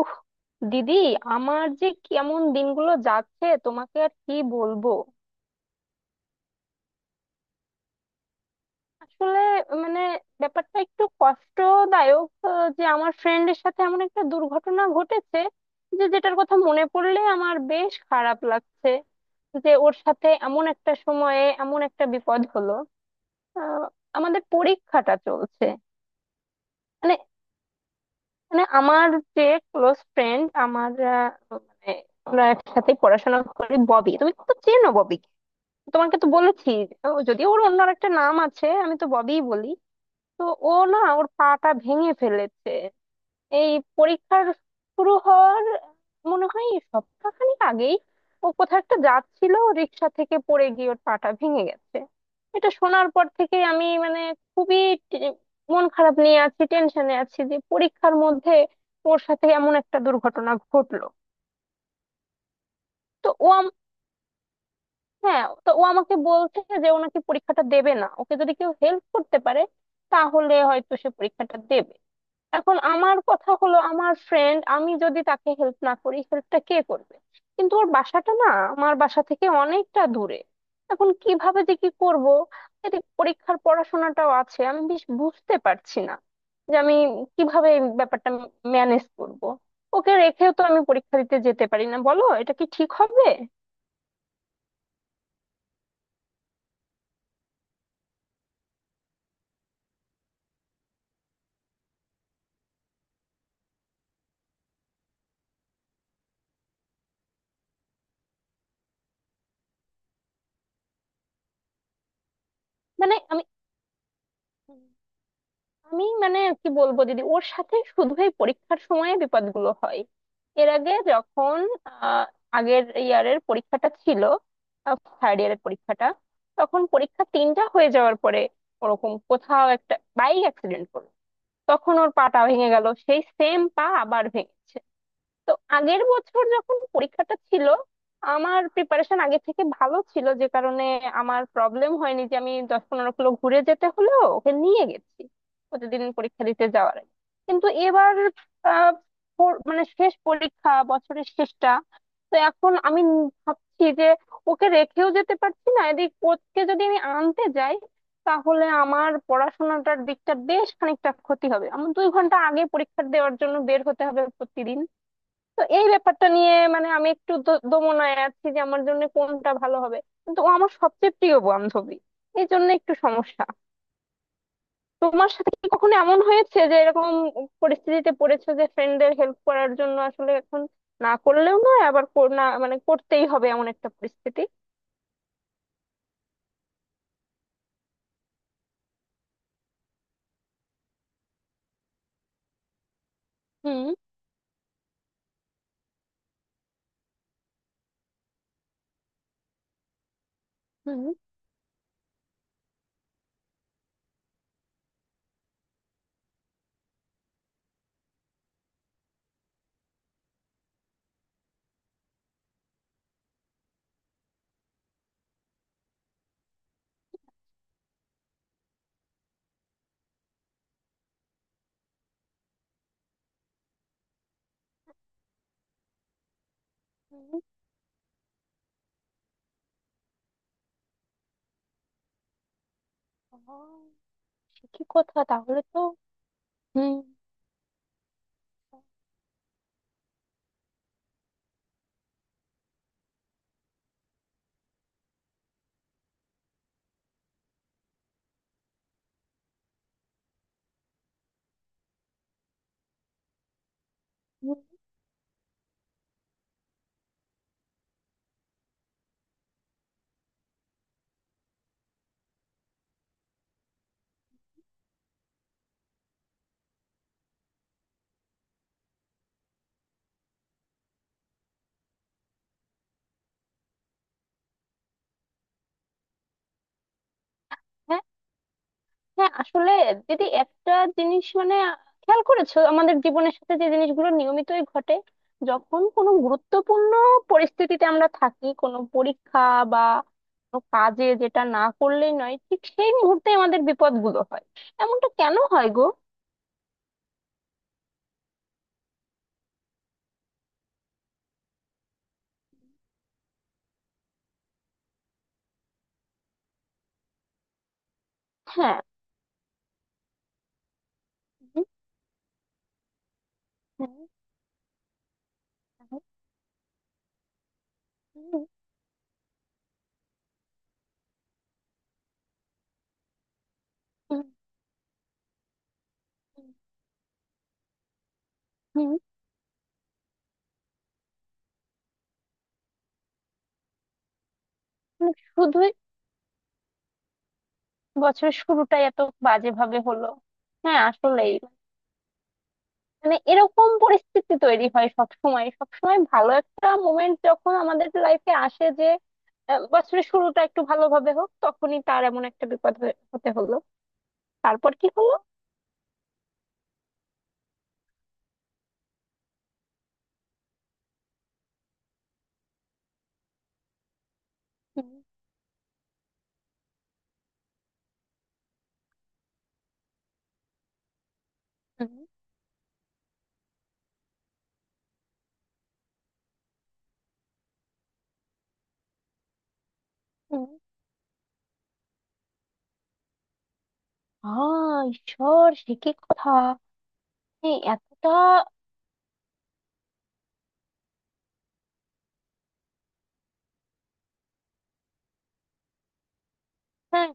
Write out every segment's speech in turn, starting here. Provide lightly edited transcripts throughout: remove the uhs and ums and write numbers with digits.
উফ, দিদি! আমার যে কেমন দিনগুলো যাচ্ছে তোমাকে আর কি বলবো। আসলে, মানে ব্যাপারটা একটু কষ্টদায়ক যে আমার ফ্রেন্ডের সাথে এমন একটা দুর্ঘটনা ঘটেছে, যে যেটার কথা মনে পড়লে আমার বেশ খারাপ লাগছে, যে ওর সাথে এমন একটা সময়ে এমন একটা বিপদ হলো। আহ, আমাদের পরীক্ষাটা চলছে। মানে মানে আমার যে ক্লোজ ফ্রেন্ড আমার, মানে আমরা একসাথে পড়াশোনা করি, ববি। তুমি তো চেনো ববি, তোমাকে তো বলেছি। ও যদি ওর অন্য একটা নাম আছে, আমি তো ববিই বলি। তো ও না ওর পাটা ভেঙে ফেলেছে এই পরীক্ষার শুরু হওয়ার মনে হয় সপ্তাহখানেক আগেই। ও কোথাও একটা যাচ্ছিল, রিক্সা থেকে পড়ে গিয়ে ওর পাটা ভেঙে গেছে। এটা শোনার পর থেকে আমি মানে খুবই টে- মন খারাপ নিয়ে আছি, টেনশনে আছি যে পরীক্ষার মধ্যে ওর সাথে এমন একটা দুর্ঘটনা ঘটলো। তো ও, হ্যাঁ তো ও আমাকে বলছে যে ও নাকি পরীক্ষাটা দেবে না, ওকে যদি কেউ হেল্প করতে পারে তাহলে হয়তো সে পরীক্ষাটা দেবে। এখন আমার কথা হলো আমার ফ্রেন্ড, আমি যদি তাকে হেল্প না করি হেল্পটা কে করবে। কিন্তু ওর বাসাটা না আমার বাসা থেকে অনেকটা দূরে। এখন কিভাবে যে কি করব, এদিকে পরীক্ষার পড়াশোনাটাও আছে। আমি বেশ বুঝতে পারছি না যে আমি কিভাবে এই ব্যাপারটা ম্যানেজ করব। ওকে রেখেও তো আমি পরীক্ষা দিতে যেতে পারি না, বলো এটা কি ঠিক হবে? মানে আমি, আমি কি বলবো দিদি, ওর সাথে শুধু এই পরীক্ষার সময়ে বিপদগুলো হয়। এর আগে যখন আহ, আগের ইয়ারের পরীক্ষাটা ছিল, থার্ড ইয়ারের পরীক্ষাটা, তখন পরীক্ষা তিনটা হয়ে যাওয়ার পরে ওরকম কোথাও একটা বাইক অ্যাক্সিডেন্ট করলো, তখন ওর পাটা ভেঙে গেল। সেই সেম পা আবার ভেঙেছে। তো আগের বছর যখন পরীক্ষাটা ছিল আমার প্রিপারেশন আগে থেকে ভালো ছিল, যে কারণে আমার প্রবলেম হয়নি যে আমি 10-15 কিলো ঘুরে যেতে হলো, ওকে নিয়ে গেছি প্রতিদিন পরীক্ষা দিতে যাওয়ার আগে। কিন্তু এবার আহ, মানে শেষ পরীক্ষা, বছরের শেষটা। তো এখন আমি ভাবছি যে ওকে রেখেও যেতে পারছি না, এদিক ওকে যদি আমি আনতে যাই তাহলে আমার পড়াশোনাটার দিকটা বেশ খানিকটা ক্ষতি হবে, আমার 2 ঘন্টা আগে পরীক্ষা দেওয়ার জন্য বের হতে হবে প্রতিদিন। তো এই ব্যাপারটা নিয়ে মানে আমি একটু দোমনায় আছি যে আমার জন্য কোনটা ভালো হবে। কিন্তু ও আমার সবচেয়ে প্রিয় বান্ধবী, এই জন্য একটু সমস্যা। তোমার সাথে কি কখনো এমন হয়েছে যে এরকম পরিস্থিতিতে পড়েছো, যে ফ্রেন্ডদের হেল্প করার জন্য আসলে এখন না করলেও নয়, আবার কর- না মানে করতেই হবে, এমন একটা পরিস্থিতি? হুম। হুম। হুম। ও, ঠিকই কথা, তাহলে তো। হুম। হুম, হ্যাঁ। হ্যাঁ আসলে দিদি একটা জিনিস মানে খেয়াল করেছো, আমাদের জীবনের সাথে যে জিনিসগুলো নিয়মিতই ঘটে, যখন কোনো গুরুত্বপূর্ণ পরিস্থিতিতে আমরা থাকি, কোনো পরীক্ষা বা কোনো কাজে যেটা না করলেই নয়, ঠিক সেই মুহূর্তে আমাদের বিপদগুলো হয়। এমনটা কেন হয় গো? হ্যাঁ মানে শুধুই, বছরের শুরুটাই এত বাজে ভাবে হলো। হ্যাঁ আসলেই। মানে এরকম পরিস্থিতি তৈরি হয় সব সময়, সব সময় ভালো একটা মোমেন্ট যখন আমাদের লাইফে আসে যে বছরের শুরুটা একটু ভালোভাবে হোক, তখনই তার এমন একটা বিপদ হতে হলো। তারপর কি হলো? হুম। হুম। হুম। আ, ঈশ্বর, সে কি কথা! এই এতটা! হ্যাঁ,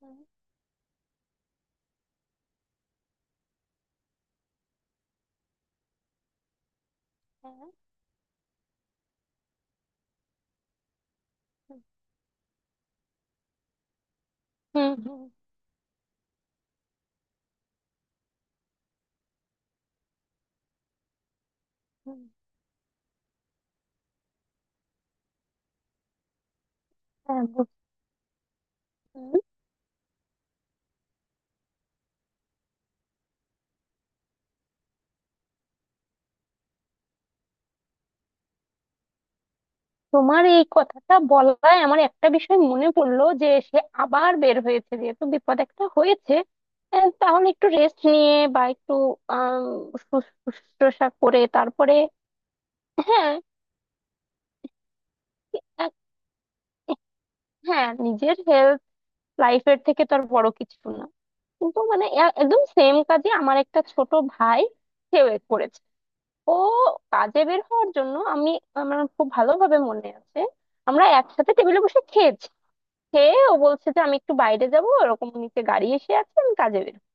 হ্যাঁ, হ্যাঁ, হুম, হুম। হুম, হ্যাঁ তোমার এই কথাটা বলায় আমার একটা বিষয় মনে পড়লো, যে সে আবার বের হয়েছে যেহেতু বিপদ একটা হয়েছে, তাহলে একটু রেস্ট নিয়ে বা একটু আম, শুশ্রূষা করে তারপরে। হ্যাঁ। এক- হ্যাঁ, নিজের হেলথ, লাইফের থেকে তো আর বড় কিছু না। কিন্তু মানে একদম সেম কাজে আমার একটা ছোট ভাই সেও এ করেছে। ও কাজে বের হওয়ার জন্য, আমি, আমার খুব ভালোভাবে মনে আছে, আমরা একসাথে টেবিলে বসে খেয়েছি। খেয়ে ও বলছে যে আমি একটু বাইরে যাব, ওরকম নিচে গাড়ি এসে আছে, আমি কাজে বের হই।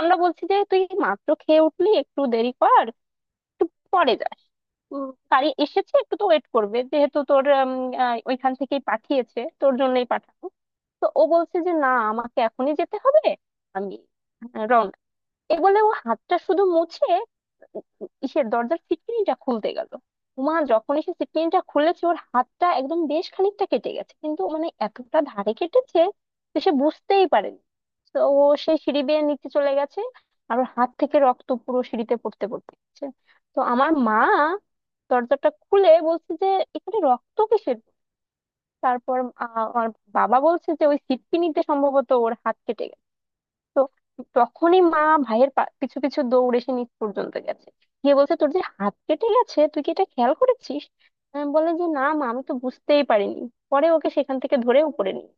আমরা বলছি যে তুই মাত্র খেয়ে উঠলি, একটু দেরি কর, পরে যাস। উম, গাড়ি এসেছে, একটু তো ওয়েট করবে, যেহেতু তোর ওইখান থেকেই পাঠিয়েছে, তোর জন্যই পাঠানো। তো ও বলছে যে না, আমাকে এখনই যেতে হবে, আমি রওনা। এ বলে ও হাতটা শুধু মুছে ইসের দরজার ফিটকিনিটা খুলতে গেল। উমা, যখনই সে ফিটকিনিটা খুলেছে ওর হাতটা একদম বেশ খানিকটা কেটে গেছে, কিন্তু মানে এতটা ধারে কেটেছে যে সে বুঝতেই পারেনি। তো ও সে সিঁড়ি বেয়ে নিচে চলে গেছে, আর ওর হাত থেকে রক্ত পুরো সিঁড়িতে পড়তে পড়তে গেছে। তো আমার মা দরজাটা খুলে বলছে যে এখানে রক্ত কিসের। তারপর আমার বাবা বলছে যে ওই ফিটকিনিতে সম্ভবত ওর হাত কেটে। তো তখনই মা ভাইয়ের পিছু পিছু দৌড়ে সে নিচ পর্যন্ত গেছে, গিয়ে বলছে তোর যে হাত কেটে গেছে, তুই কি এটা খেয়াল করেছিস? আমি বলে যে না মা, আমি তো বুঝতেই পারিনি। পরে ওকে সেখান থেকে ধরে উপরে নিই,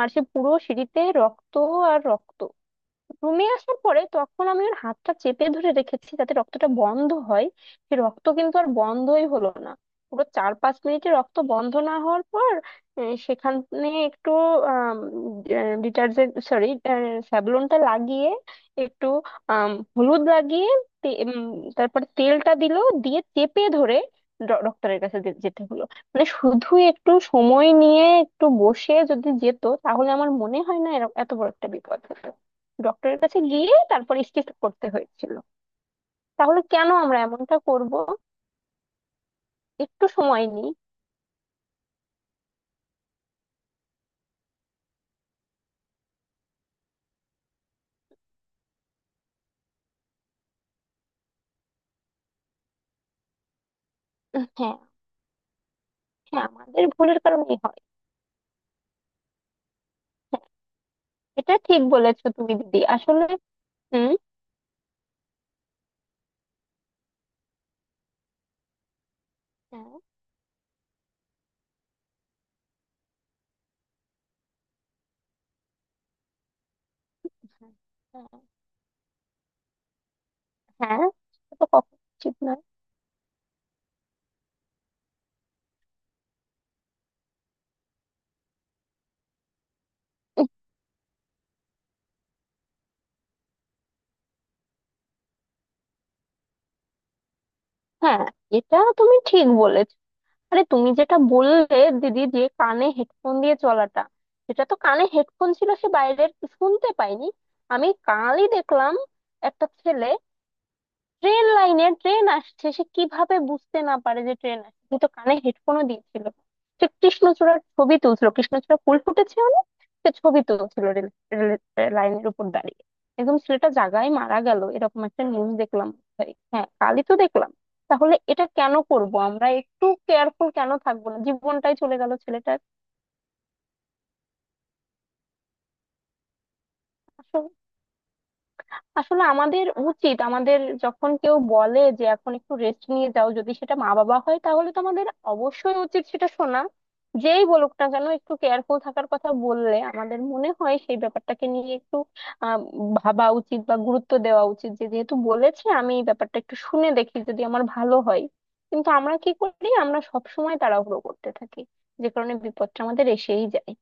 আর সে পুরো সিঁড়িতে রক্ত আর রক্ত। রুমে আসার পরে তখন আমি ওর হাতটা চেপে ধরে রেখেছি যাতে রক্তটা বন্ধ হয়, সে রক্ত কিন্তু আর বন্ধই হলো না। পুরো 4-5 মিনিটে রক্ত বন্ধ না হওয়ার পর সেখানে একটু ডিটারজেন্ট সরি স্যাভলনটা লাগিয়ে, একটু আম, হলুদ লাগিয়ে, তে- উম, তারপরে তেলটা দিল, দিয়ে চেপে ধরে ডক্টরের কাছে যেতে হলো। মানে শুধু একটু সময় নিয়ে একটু বসে যদি যেত, তাহলে আমার মনে হয় না এত বড় একটা বিপদ হতো। ডক্টরের কাছে গিয়ে তারপর স্টিচ করতে হয়েছিল। তাহলে কেন আমরা এমনটা করব, একটু সময় নিই। হ্যাঁ। হ্যাঁ, আমাদের ভুলের কারণেই হয়। এটা ঠিক বলেছো তুমি দিদি আসলে। হুম। হ্যাঁ, হ্যাঁ, হ্যাঁ, এটা তো কখনো উচিত নয়। উম, হ্যাঁ, এটা তুমি ঠিক বলেছো। আরে তুমি যেটা বললে দিদি, যে কানে হেডফোন দিয়ে চলাটা, সেটা তো কানে হেডফোন ছিল, সে বাইরের শুনতে পাইনি। আমি কালই দেখলাম একটা ছেলে, ট্রেন লাইনে ট্রেন আসছে, সে কিভাবে বুঝতে না পারে যে ট্রেন আসছে? সে তো কানে হেডফোনও দিয়েছিল, সে কৃষ্ণচূড়ার ছবি তুলছিল, কৃষ্ণচূড়া ফুল ফুটেছে অনেক, সে ছবি তুলছিল রেল রেল- লাইনের উপর দাঁড়িয়ে। একদম ছেলেটা জাগায় মারা গেল, এরকম একটা নিউজ দেখলাম ভাই। হ্যাঁ, কালই তো দেখলাম। তাহলে এটা কেন করব আমরা, একটু কেয়ারফুল কেন থাকবো না? জীবনটাই চলে গেল ছেলেটার। আসলে আমাদের উচিত, আমাদের যখন কেউ বলে যে এখন একটু রেস্ট নিয়ে যাও, যদি সেটা মা বাবা হয় তাহলে তো আমাদের অবশ্যই উচিত সেটা শোনা। যেই বলুক না কেন একটু কেয়ারফুল থাকার কথা বললে, আমাদের মনে হয় সেই ব্যাপারটাকে নিয়ে একটু আহ ভাবা উচিত, বা গুরুত্ব দেওয়া উচিত, যে যেহেতু বলেছে আমি এই ব্যাপারটা একটু শুনে দেখি, যদি আমার ভালো হয়। কিন্তু আমরা কি করি, আমরা সব সময় তাড়াহুড়ো করতে থাকি, যে কারণে বিপদটা আমাদের এসেই যায়।